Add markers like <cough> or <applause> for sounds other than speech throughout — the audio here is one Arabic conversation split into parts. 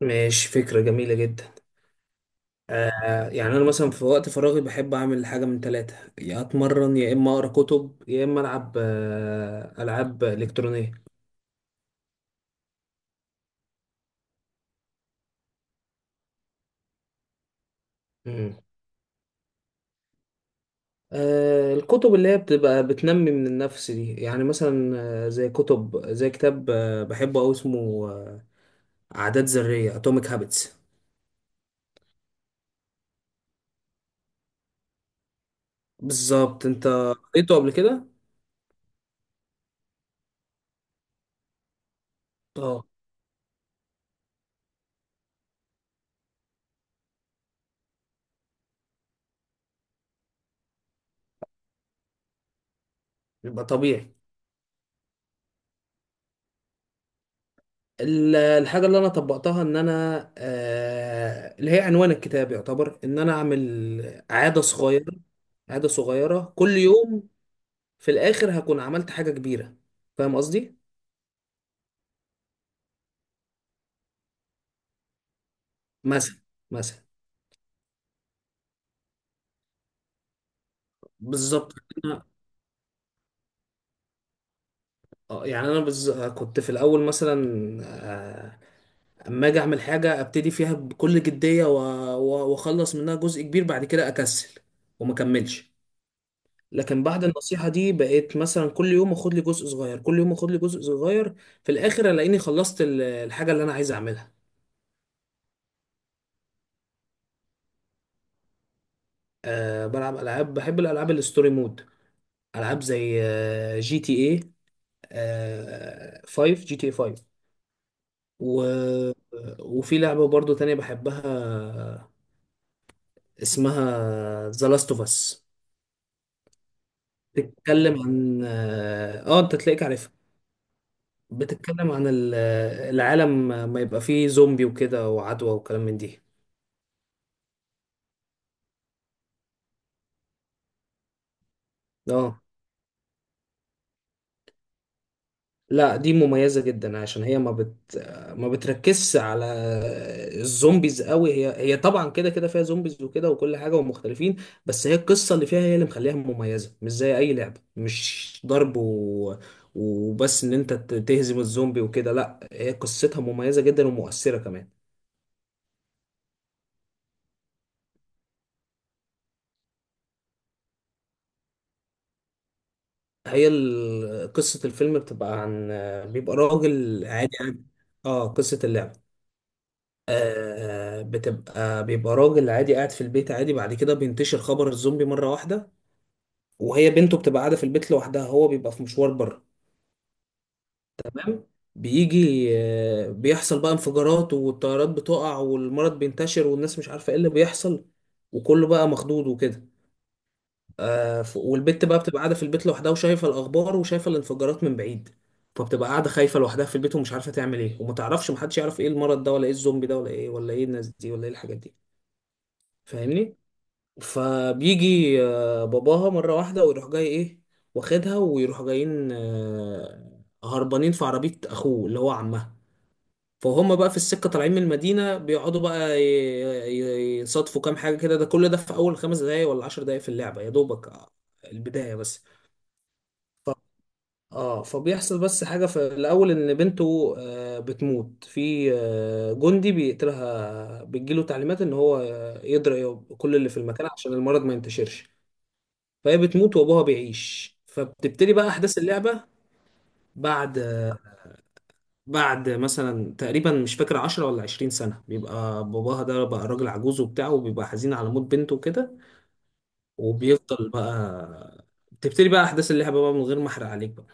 ماشي، فكرة جميلة جدا. يعني أنا مثلا في وقت فراغي بحب أعمل حاجة من ثلاثة، يا أتمرن، يا إما أقرأ كتب، يا إما ألعب ألعاب إلكترونية. مم. الكتب اللي هي بتبقى بتنمي من النفس دي، يعني مثلا زي كتب، زي كتاب بحبه أوي، اسمه عادات ذرية، أتوميك هابتس. بالظبط. أنت قريته قبل كده؟ اه. يبقى طبيعي. الحاجة اللي أنا طبقتها إن أنا، اللي هي عنوان الكتاب، يعتبر إن أنا أعمل عادة صغيرة، عادة صغيرة كل يوم. في الآخر هكون عملت حاجة كبيرة. فاهم قصدي؟ مثلا، مثلا. بالظبط. أنا يعني أنا كنت في الأول مثلا، آه، أما أجي أعمل حاجة أبتدي فيها بكل جدية وأخلص منها جزء كبير، بعد كده أكسل وما أكملش. لكن بعد النصيحة دي بقيت مثلا كل يوم اخد لي جزء صغير، كل يوم اخد لي جزء صغير. في الاخر الاقيني خلصت الحاجة اللي انا عايز اعملها. أه بلعب العاب، بحب الالعاب الستوري مود. العاب زي جي تي اي 5، جي تي اي 5. و- وفي لعبة برضو تانية بحبها، اسمها ذا لاست اوف اس. بتتكلم عن انت تلاقيك عارفها. بتتكلم عن العالم ما يبقى فيه زومبي وكده، وعدوى وكلام من دي. اه. لا، دي مميزة جدا، عشان هي ما بتركزش على الزومبيز قوي. هي طبعا كده كده فيها زومبيز وكده وكل حاجة، ومختلفين. بس هي القصة اللي فيها هي اللي مخليها مميزة، مش زي أي لعبة، مش ضرب وبس إن أنت تهزم الزومبي وكده. لا، هي قصتها مميزة جدا ومؤثرة كمان. هي قصة الفيلم بتبقى عن، بيبقى راجل عادي عادي. اه، قصة اللعبة. بيبقى راجل عادي قاعد في البيت عادي، بعد كده بينتشر خبر الزومبي مرة واحدة. وهي بنته بتبقى قاعدة في البيت لوحدها، هو بيبقى في مشوار بره. تمام. بيجي آه بيحصل بقى انفجارات، والطيارات بتقع، والمرض بينتشر، والناس مش عارفة ايه اللي بيحصل، وكله بقى مخضوض وكده. والبت بقى بتبقى قاعدة في البيت لوحدها، وشايفة الأخبار وشايفة الانفجارات من بعيد. فبتبقى قاعدة خايفة لوحدها في البيت، ومش عارفة تعمل ايه، وما تعرفش، محدش يعرف ايه المرض ده، ولا ايه الزومبي ده، ولا ايه، ولا ايه الناس دي، ولا ايه الحاجات دي. فاهمني. فبيجي باباها مرة واحدة ويروح جاي ايه، واخدها ويروحوا جايين هربانين في عربية اخوه اللي هو عمها. فهم بقى في السكة طالعين من المدينة، بيقعدوا بقى يصادفوا كام حاجة كده. ده كل ده في أول 5 دقايق ولا 10 دقايق في اللعبة يا دوبك، البداية بس. اه، فبيحصل بس حاجة في الأول، إن بنته بتموت، في جندي بيقتلها، بيجيله تعليمات إن هو يضرب كل اللي في المكان عشان المرض ما ينتشرش. فهي بتموت وابوها بيعيش، فبتبتدي بقى احداث اللعبه. بعد بعد مثلا تقريبا مش فاكر 10 ولا 20 سنه، بيبقى باباها ده بقى راجل عجوز وبتاع، وبيبقى حزين على موت بنته وكده. وبيفضل بقى، بتبتدي بقى احداث اللعبه بقى، من غير ما احرق عليك بقى.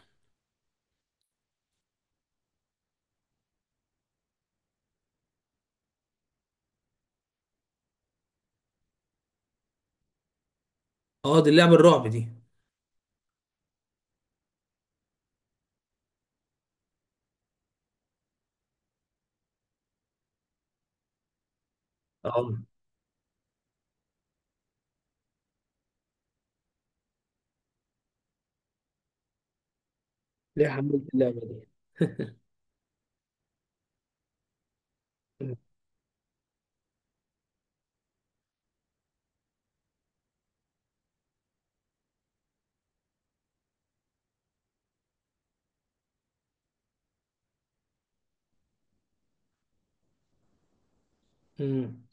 اه دي اللعبه الرعب دي. اه ليه حملت اللعبه دي. <laughs> مم.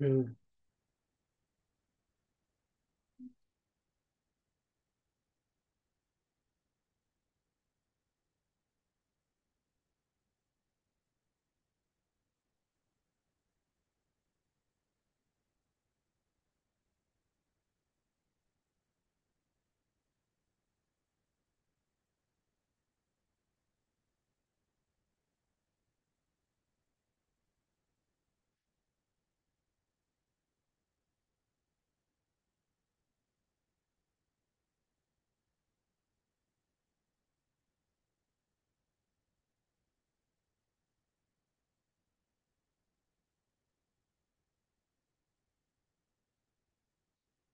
مم.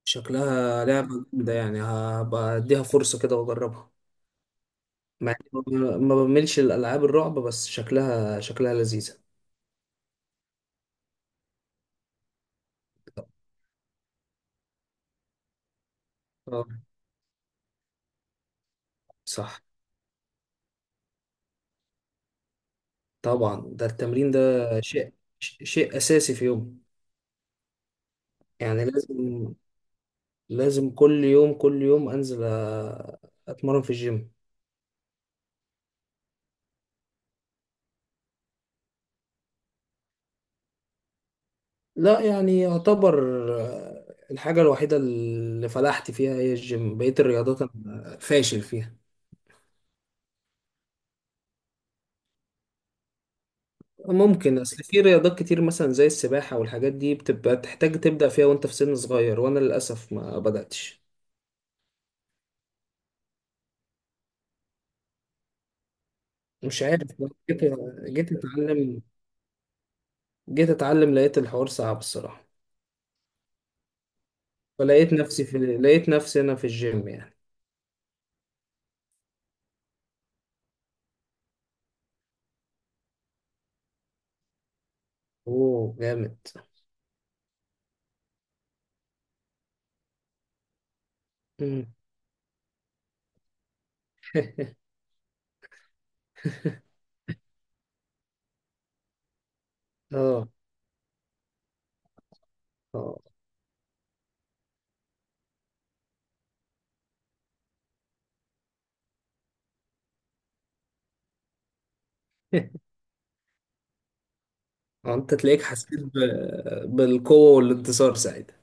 شكلها لعبة جامدة، يعني هبقى اديها فرصة كده واجربها، مع إني ما بملش الالعاب الرعب، بس شكلها لذيذة. آه. صح. طبعا ده التمرين ده شيء شيء أساسي في يومي. يعني لازم، لازم كل يوم، كل يوم أنزل أتمرن في الجيم. لا يعني يعتبر، الحاجة الوحيدة اللي فلحت فيها هي الجيم، بقية الرياضات أنا فاشل فيها. ممكن، أصل في رياضات كتير مثلا زي السباحة والحاجات دي بتبقى تحتاج تبدأ فيها وأنت في سن صغير، وأنا للأسف ما بدأتش. مش عارف. جيت جيت أتعلم جيت أتعلم لقيت الحوار صعب الصراحة. فلقيت نفسي في لقيت نفسي انا في الجيم يعني. اوه جامد. مم. <laughs> اه. اه. <laughs> انت تلاقيك حسيت بالقوة والانتصار ساعتها.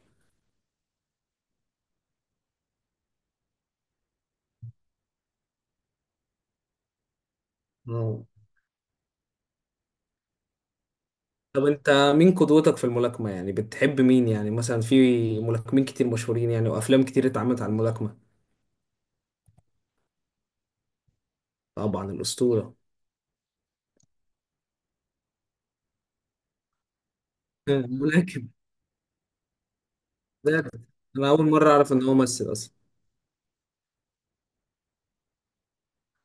اه. طب انت، مين قدوتك في الملاكمة؟ يعني بتحب مين؟ يعني مثلا في ملاكمين كتير مشهورين، يعني وافلام كتير اتعملت عن الملاكمة. طبعا، الأسطورة. <laughs> ملاكم ده، انا اول مرة اعرف ان هو ممثل اصلا.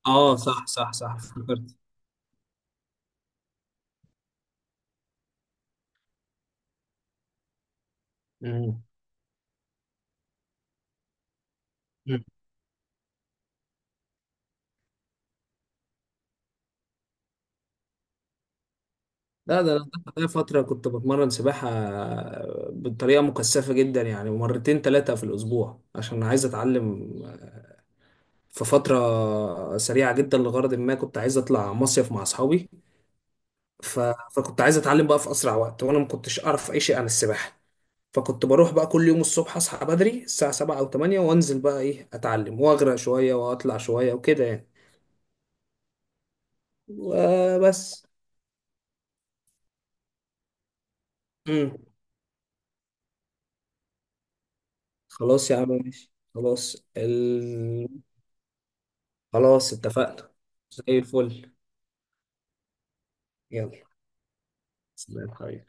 اه صح صح صح، افتكرت. مم. لا، ده انا ليا فتره كنت بتمرن سباحه بطريقه مكثفه جدا، يعني مرتين ثلاثه في الاسبوع، عشان عايز اتعلم في فتره سريعه جدا، لغرض ما كنت عايز اطلع مصيف مع اصحابي. ف... فكنت عايز اتعلم بقى في اسرع وقت، وانا ما كنتش اعرف اي شيء عن السباحه. فكنت بروح بقى كل يوم الصبح اصحى بدري الساعه 7 او 8، وانزل بقى ايه اتعلم، واغرق شويه واطلع شويه وكده يعني. وبس. امم. خلاص يا عم ماشي، خلاص اتفقنا، زي الفل. يلا، سلام حبيبي.